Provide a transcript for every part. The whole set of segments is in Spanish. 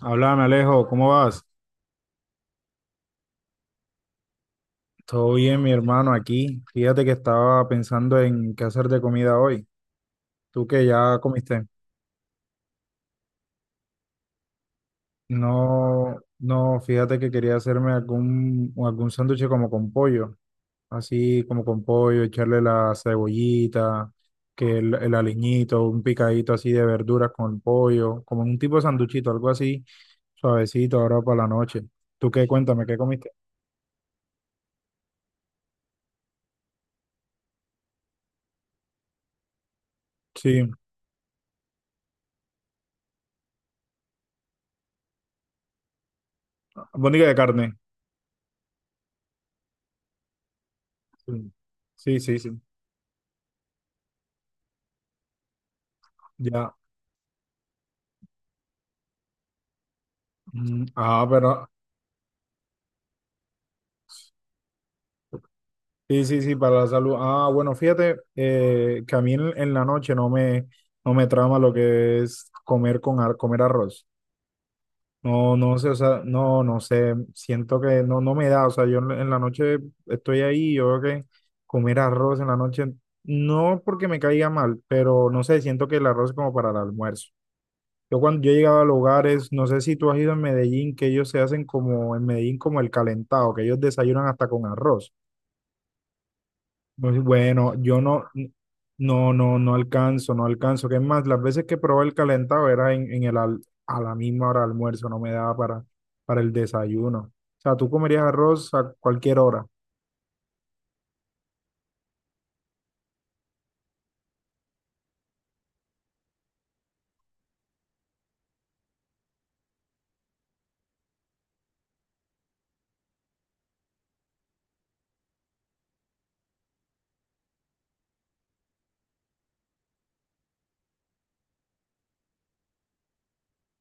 Háblame, Alejo, ¿cómo vas? Todo bien, mi hermano, aquí. Fíjate que estaba pensando en qué hacer de comida hoy. Tú que ya comiste. No, no, fíjate que quería hacerme algún sándwich como con pollo, así como con pollo, echarle la cebollita, que el aliñito, un picadito así de verduras con pollo, como un tipo de sanduchito, algo así, suavecito ahora para la noche. ¿Tú qué? Cuéntame, ¿qué comiste? Sí, bondiga de carne. Sí, sí, sí. Sí. Ya. Mm. Ah, pero sí, sí, sí, para la salud. Ah, bueno, fíjate que a mí en la noche no me, no me trama lo que es comer con comer arroz. No, no sé, o sea, no, no sé, siento que no, no me da, o sea, yo en la noche estoy ahí, yo creo que comer arroz en la noche, no porque me caiga mal, pero no sé, siento que el arroz es como para el almuerzo. Yo cuando yo he llegado a lugares, no sé si tú has ido en Medellín, que ellos se hacen como en Medellín como el calentado, que ellos desayunan hasta con arroz. Muy bueno, yo no, no, no, no alcanzo, no alcanzo. Que es más, las veces que probé el calentado era en el a la misma hora de almuerzo, no me daba para el desayuno. O sea, tú comerías arroz a cualquier hora.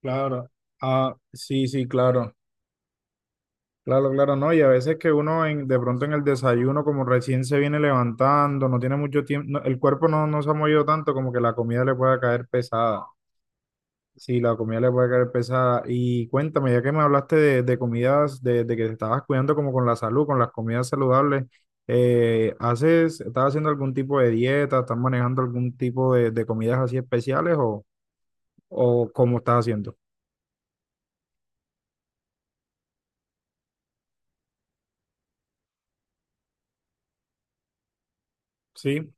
Claro. Ah, sí, sí, claro. Claro, claro, no. Y a veces que uno en, de pronto en el desayuno, como recién se viene levantando, no tiene mucho tiempo, no, el cuerpo no, no se ha movido tanto, como que la comida le pueda caer pesada. Sí, la comida le puede caer pesada. Y cuéntame, ya que me hablaste de comidas, de que te estabas cuidando como con la salud, con las comidas saludables, ¿haces, estás haciendo algún tipo de dieta? ¿Estás manejando algún tipo de comidas así especiales o cómo estás haciendo? Sí,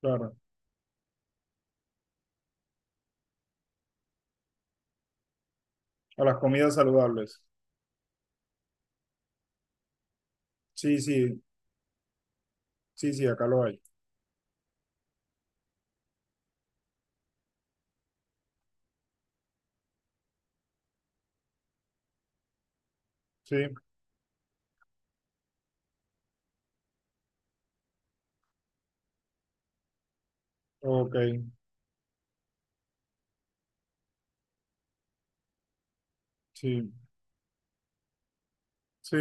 claro. A las comidas saludables. Sí, sí, sí, sí, acá lo hay. Sí, ok, sí, sí,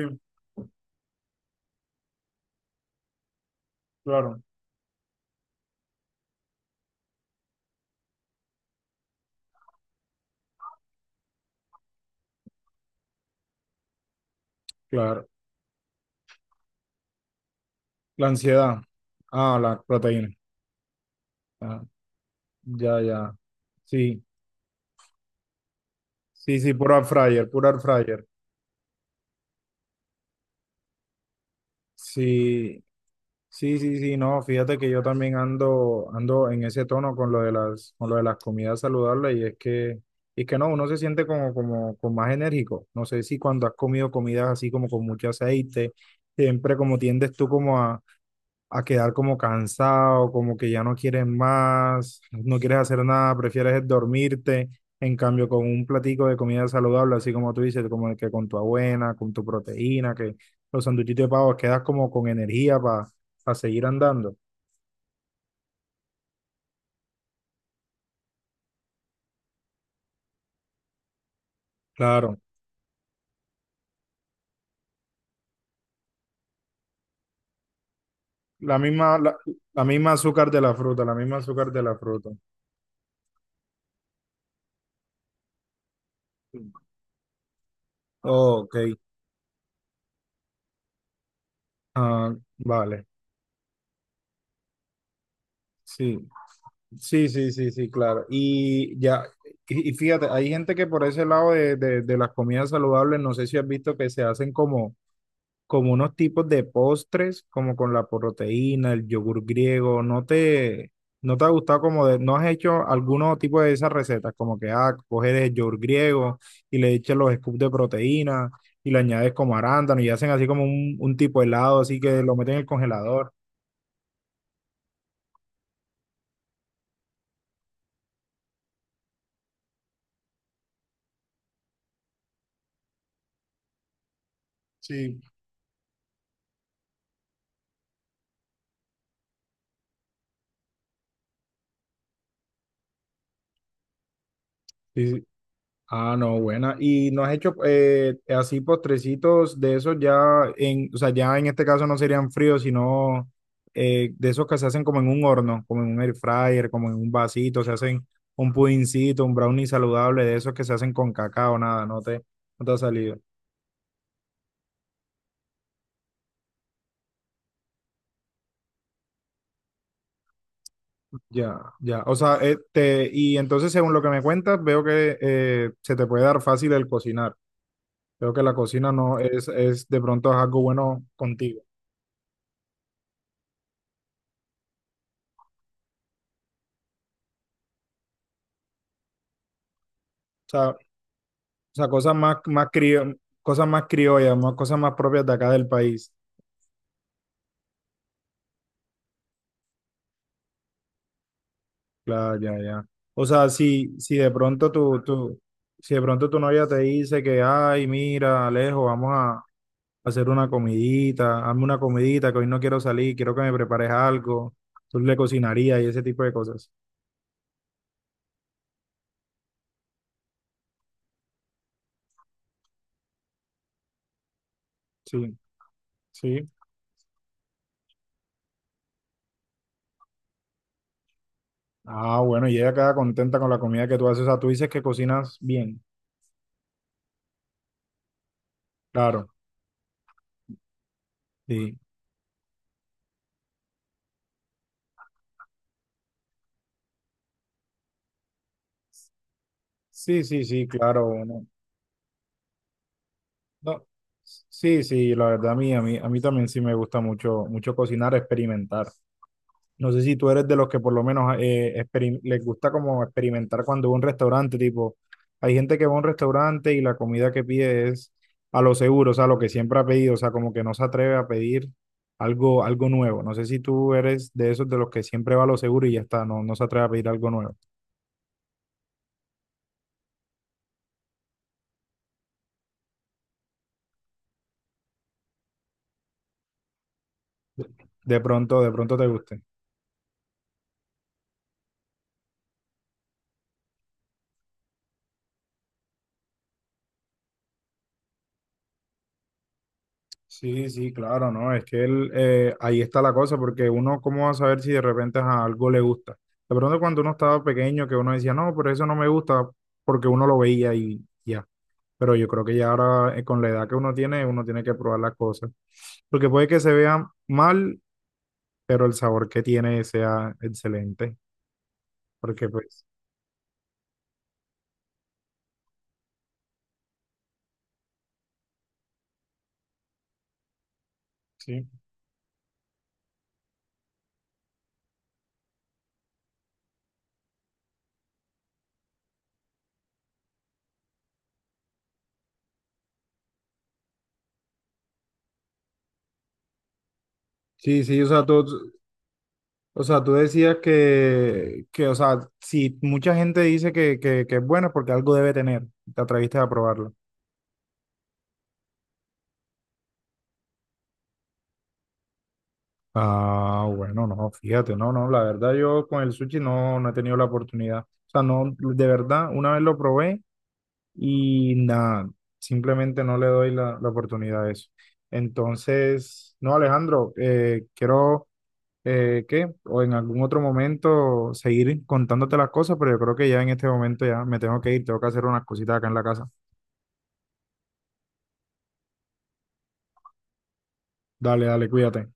claro. Claro. La ansiedad. Ah, la proteína. Ah, ya, ya. Sí. Sí, sí, puro air fryer, puro air fryer. Sí, sí, sí, sí, no, fíjate que yo también ando, ando en ese tono con lo de las, con lo de las comidas saludables y es que no, uno se siente como, como, como más enérgico. No sé si cuando has comido comidas así como con mucho aceite, siempre como tiendes tú como a quedar como cansado, como que ya no quieres más, no quieres hacer nada, prefieres es dormirte. En cambio, con un platico de comida saludable, así como tú dices, como el que con tu avena, con tu proteína, que los sanduchitos de pavo, quedas como con energía para seguir andando. Claro, la misma, la misma azúcar de la fruta, la misma azúcar de la fruta. Ok, ah, vale, sí. Sí, sí, sí, sí, claro. Y ya, y fíjate, hay gente que por ese lado de las comidas saludables, no sé si has visto que se hacen como, como unos tipos de postres, como con la proteína, el yogur griego, ¿no te, no te ha gustado como de, no has hecho alguno tipo de esas recetas, como que, ah, coges el yogur griego y le echas los scoops de proteína y le añades como arándano y hacen así como un tipo de helado, así que lo meten en el congelador. Sí. Sí. Ah, no, buena. ¿Y no has hecho así postrecitos de esos ya en, o sea, ya en este caso no serían fríos, sino de esos que se hacen como en un horno, como en un air fryer, como en un vasito, se hacen un pudincito, un brownie saludable, de esos que se hacen con cacao, nada, no te, no te ha salido. Ya, ya. O sea, este, y entonces según lo que me cuentas, veo que se te puede dar fácil el cocinar. Veo que la cocina no es, es de pronto es algo bueno contigo. O sea, cosas más, más cosas más criollas, más, cosas más propias de acá del país. Claro, ya, ya. O sea, si, si de pronto tu, tu, si de pronto tu novia te dice que, ay, mira, Alejo, vamos a hacer una comidita, hazme una comidita, que hoy no quiero salir, quiero que me prepares algo, tú le cocinarías y ese tipo de cosas. Sí, sí. Ah, bueno, y ella queda contenta con la comida que tú haces. O sea, tú dices que cocinas bien. Claro, sí. Sí, sí, sí, claro. Bueno. No, sí, sí, la verdad a mí, a mí, a mí también sí me gusta mucho, mucho cocinar, experimentar. No sé si tú eres de los que por lo menos les gusta como experimentar cuando va a un restaurante, tipo, hay gente que va a un restaurante y la comida que pide es a lo seguro, o sea, lo que siempre ha pedido, o sea, como que no se atreve a pedir algo, algo nuevo. No sé si tú eres de esos de los que siempre va a lo seguro y ya está, no, no se atreve a pedir algo nuevo. De pronto te guste. Sí, sí, claro, ¿no? Es que él, ahí está la cosa, porque uno, ¿cómo va a saber si de repente a algo le gusta? De pronto cuando uno estaba pequeño, que uno decía, no, pero eso no me gusta, porque uno lo veía y ya. Pero yo creo que ya ahora, con la edad que uno tiene que probar las cosas. Porque puede que se vea mal, pero el sabor que tiene sea excelente. Porque pues, sí. Sí, sí, o sea, todo. O sea, tú decías que, o sea, si mucha gente dice que es bueno es porque algo debe tener, te atreviste a probarlo. Ah, bueno, no, fíjate, no, no, la verdad yo con el sushi no, no he tenido la oportunidad. O sea, no, de verdad, una vez lo probé y nada, simplemente no le doy la, la oportunidad a eso. Entonces, no, Alejandro, quiero ¿qué? O en algún otro momento seguir contándote las cosas, pero yo creo que ya en este momento ya me tengo que ir, tengo que hacer unas cositas acá en la casa. Dale, dale, cuídate.